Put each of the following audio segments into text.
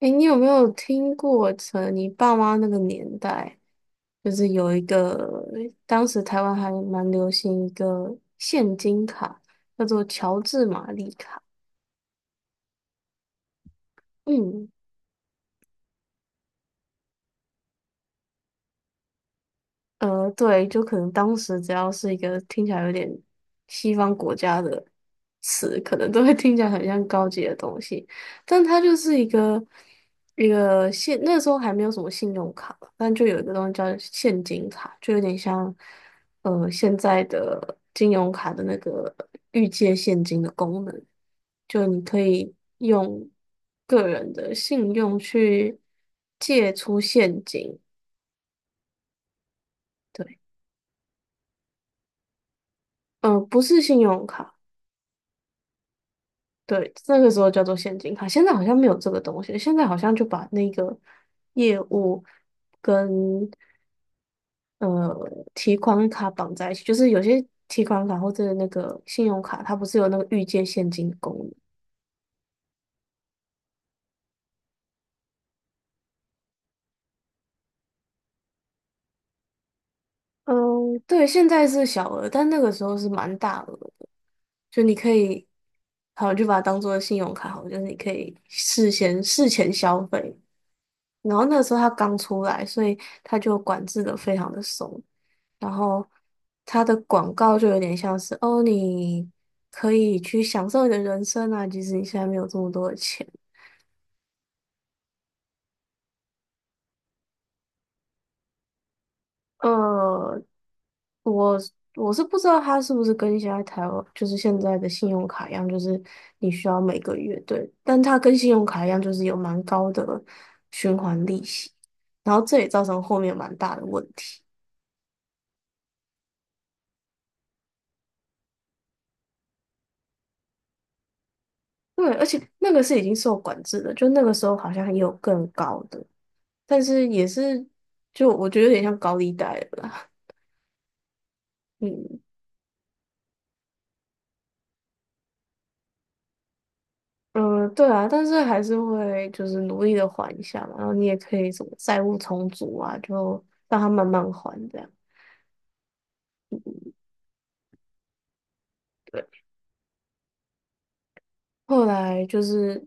哎，你有没有听过从你爸妈那个年代，就是有一个，当时台湾还蛮流行一个现金卡，叫做乔治玛丽卡。嗯，对，就可能当时只要是一个听起来有点西方国家的词，可能都会听起来很像高级的东西，但它就是一个现那时候还没有什么信用卡，但就有一个东西叫现金卡，就有点像现在的金融卡的那个预借现金的功能，就你可以用个人的信用去借出现金。对。不是信用卡，对，那个时候叫做现金卡，现在好像没有这个东西，现在好像就把那个业务跟呃提款卡绑在一起，就是有些提款卡或者那个信用卡，它不是有那个预借现金的功能？嗯，对，现在是小额，但那个时候是蛮大额的，就你可以，好，就把它当做信用卡好了，就是你可以事先事前消费，然后那个时候它刚出来，所以它就管制的非常的松。然后它的广告就有点像是哦，你可以去享受你的人生啊，即使你现在没有这么多的钱。呃，我我是不知道它是不是跟现在台湾就是现在的信用卡一样，就是你需要每个月对，但它跟信用卡一样，就是有蛮高的循环利息，然后这也造成后面蛮大的问题。对，而且那个是已经受管制的，就那个时候好像也有更高的。但是也是，就我觉得有点像高利贷了啦。嗯嗯，对啊，但是还是会就是努力的还一下嘛。然后你也可以什么债务重组啊，就让他慢慢还这样。对，后来就是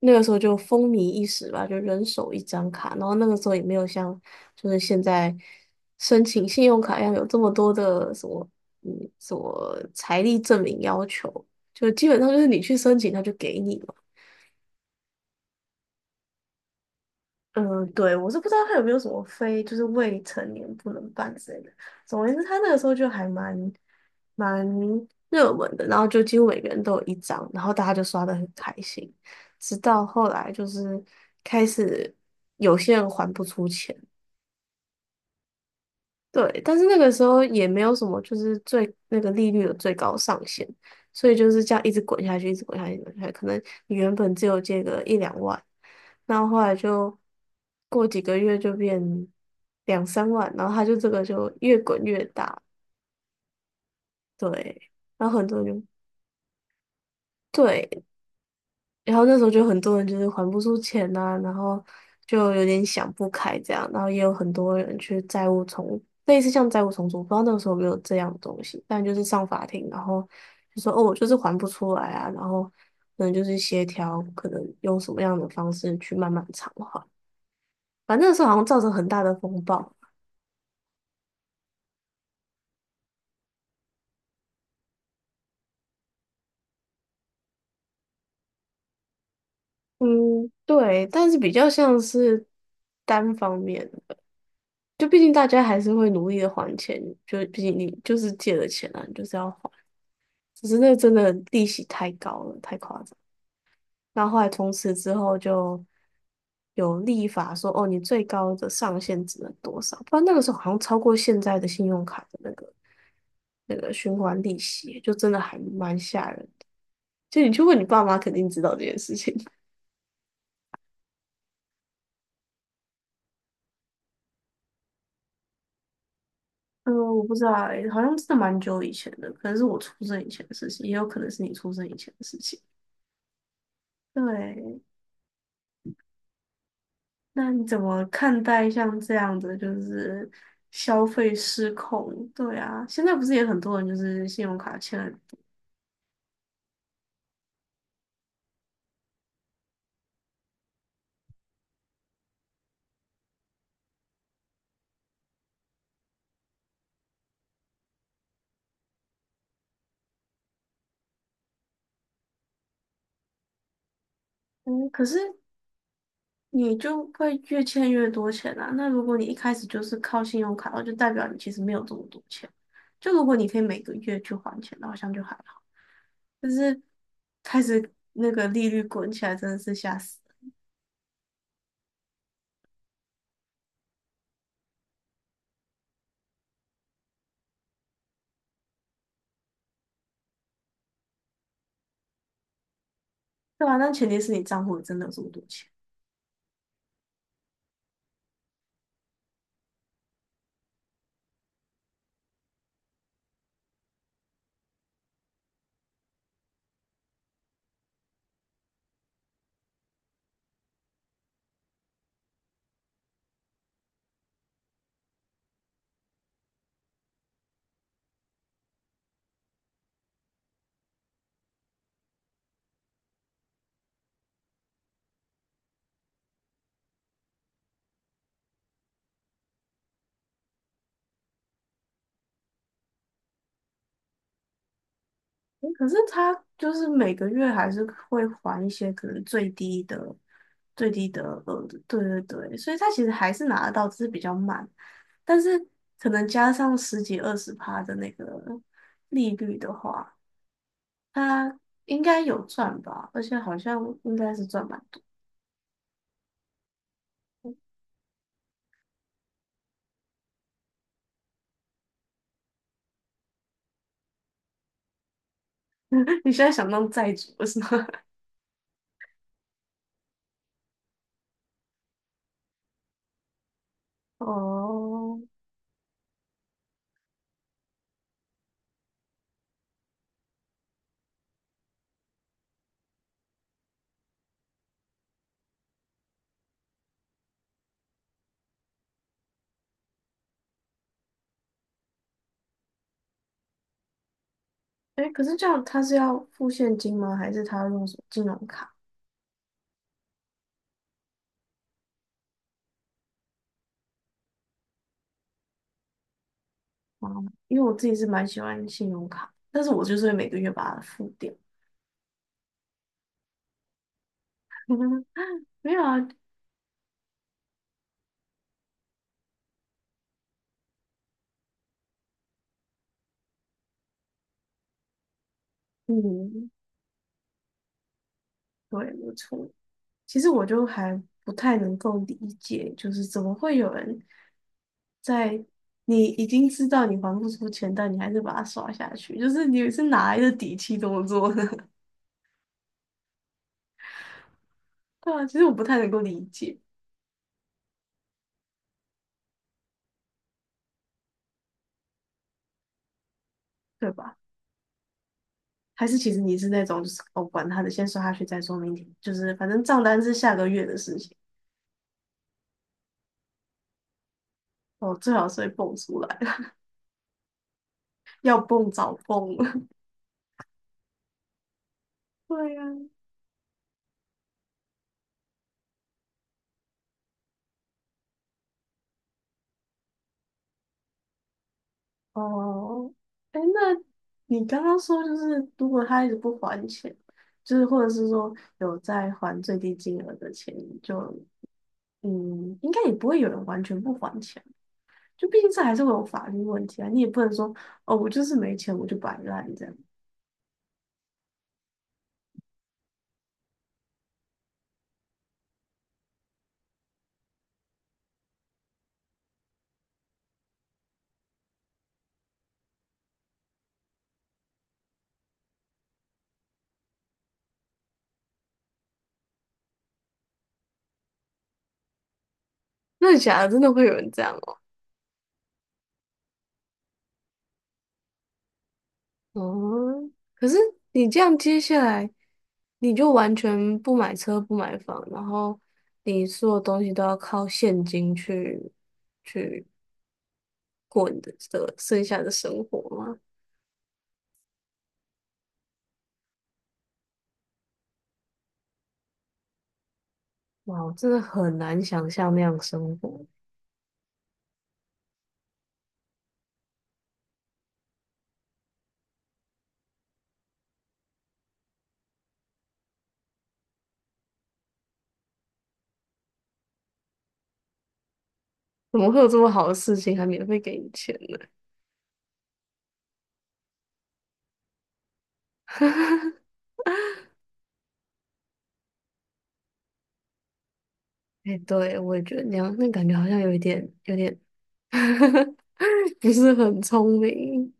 那个时候就风靡一时吧，就人手一张卡。然后那个时候也没有像就是现在申请信用卡一样有这么多的什么什么财力证明要求，就基本上就是你去申请他就给你。嘛。嗯，对，我是不知道他有没有什么非就是未成年不能办之类的。总而言之，他那个时候就还蛮热门的，然后就几乎每个人都有一张，然后大家就刷的很开心。直到后来就是开始有些人还不出钱，对，但是那个时候也没有什么，就是最那个利率的最高上限，所以就是这样一直滚下去，一直滚下去，滚下去可能你原本只有借个一两万，那后来就过几个月就变两三万，然后它就这个就越滚越大，对，然后很多人就对，然后那时候就很多人就是还不出钱呐、然后就有点想不开这样，然后也有很多人去债务重，类似像债务重组，不知道那个时候有没有这样的东西，但就是上法庭，然后就说哦，我就是还不出来啊，然后可能就是协调，可能用什么样的方式去慢慢偿还，反正那时候好像造成很大的风暴。嗯，对，但是比较像是单方面的，就毕竟大家还是会努力的还钱，就毕竟你就是借了钱啊，你就是要还。只是那真的利息太高了，太夸张。那后来从此之后就有立法说，哦，你最高的上限只能多少？不然那个时候好像超过现在的信用卡的那个循环利息，就真的还蛮吓人的。就你去问你爸妈，肯定知道这件事情。嗯，我不知道欸，好像真的蛮久以前的，可能是我出生以前的事情，也有可能是你出生以前的事情。对，那你怎么看待像这样的就是消费失控？对啊，现在不是也很多人就是信用卡欠了，嗯，可是你就会越欠越多钱啊。那如果你一开始就是靠信用卡，那就代表你其实没有这么多钱。就如果你可以每个月去还钱，那好像就还好。但是开始那个利率滚起来，真的是吓死人。对吧？但前提是你账户里真的有这么多钱。嗯可是他就是每个月还是会还一些可能最低的、最低的额度，对对对，所以他其实还是拿得到，只是比较慢，但是可能加上十几二十趴的那个利率的话，他应该有赚吧，而且好像应该是赚蛮多。你现在想当债主是吗？哦，哎，可是这样他是要付现金吗？还是他用什么金融卡？啊，因为我自己是蛮喜欢信用卡，但是我就是会每个月把它付掉。没有啊，嗯，对，没错。其实我就还不太能够理解，就是怎么会有人在你已经知道你还不出钱，但你还是把它刷下去，就是你是哪来的底气这么做呢？对啊，其实我不太能够理解，对吧？还是其实你是那种就是哦，管他的，先刷下去再说，明天就是反正账单是下个月的事情，哦，最好是会蹦出来。要蹦早蹦了。对呀、哦，哎，那你刚刚说就是，如果他一直不还钱，就是或者是说有在还最低金额的钱，就嗯，应该也不会有人完全不还钱，就毕竟这还是会有法律问题啊。你也不能说哦，我就是没钱，我就摆烂这样。那假的，真的会有人这样哦？哦，可是你这样接下来，你就完全不买车不买房，然后你所有东西都要靠现金去过你的的剩下的生活吗？哇，我真的很难想象那样生活，怎么会有这么好的事情还免费给你钱呢？哎，对，我也觉得那样，那感觉好像有一点，有点 不是很聪明。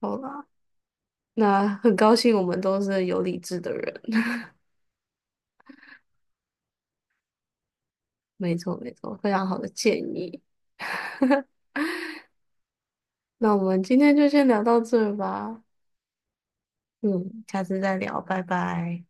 好啦，那很高兴我们都是有理智的人。没错，没错，非常好的建议。那我们今天就先聊到这儿吧，嗯，下次再聊，拜拜。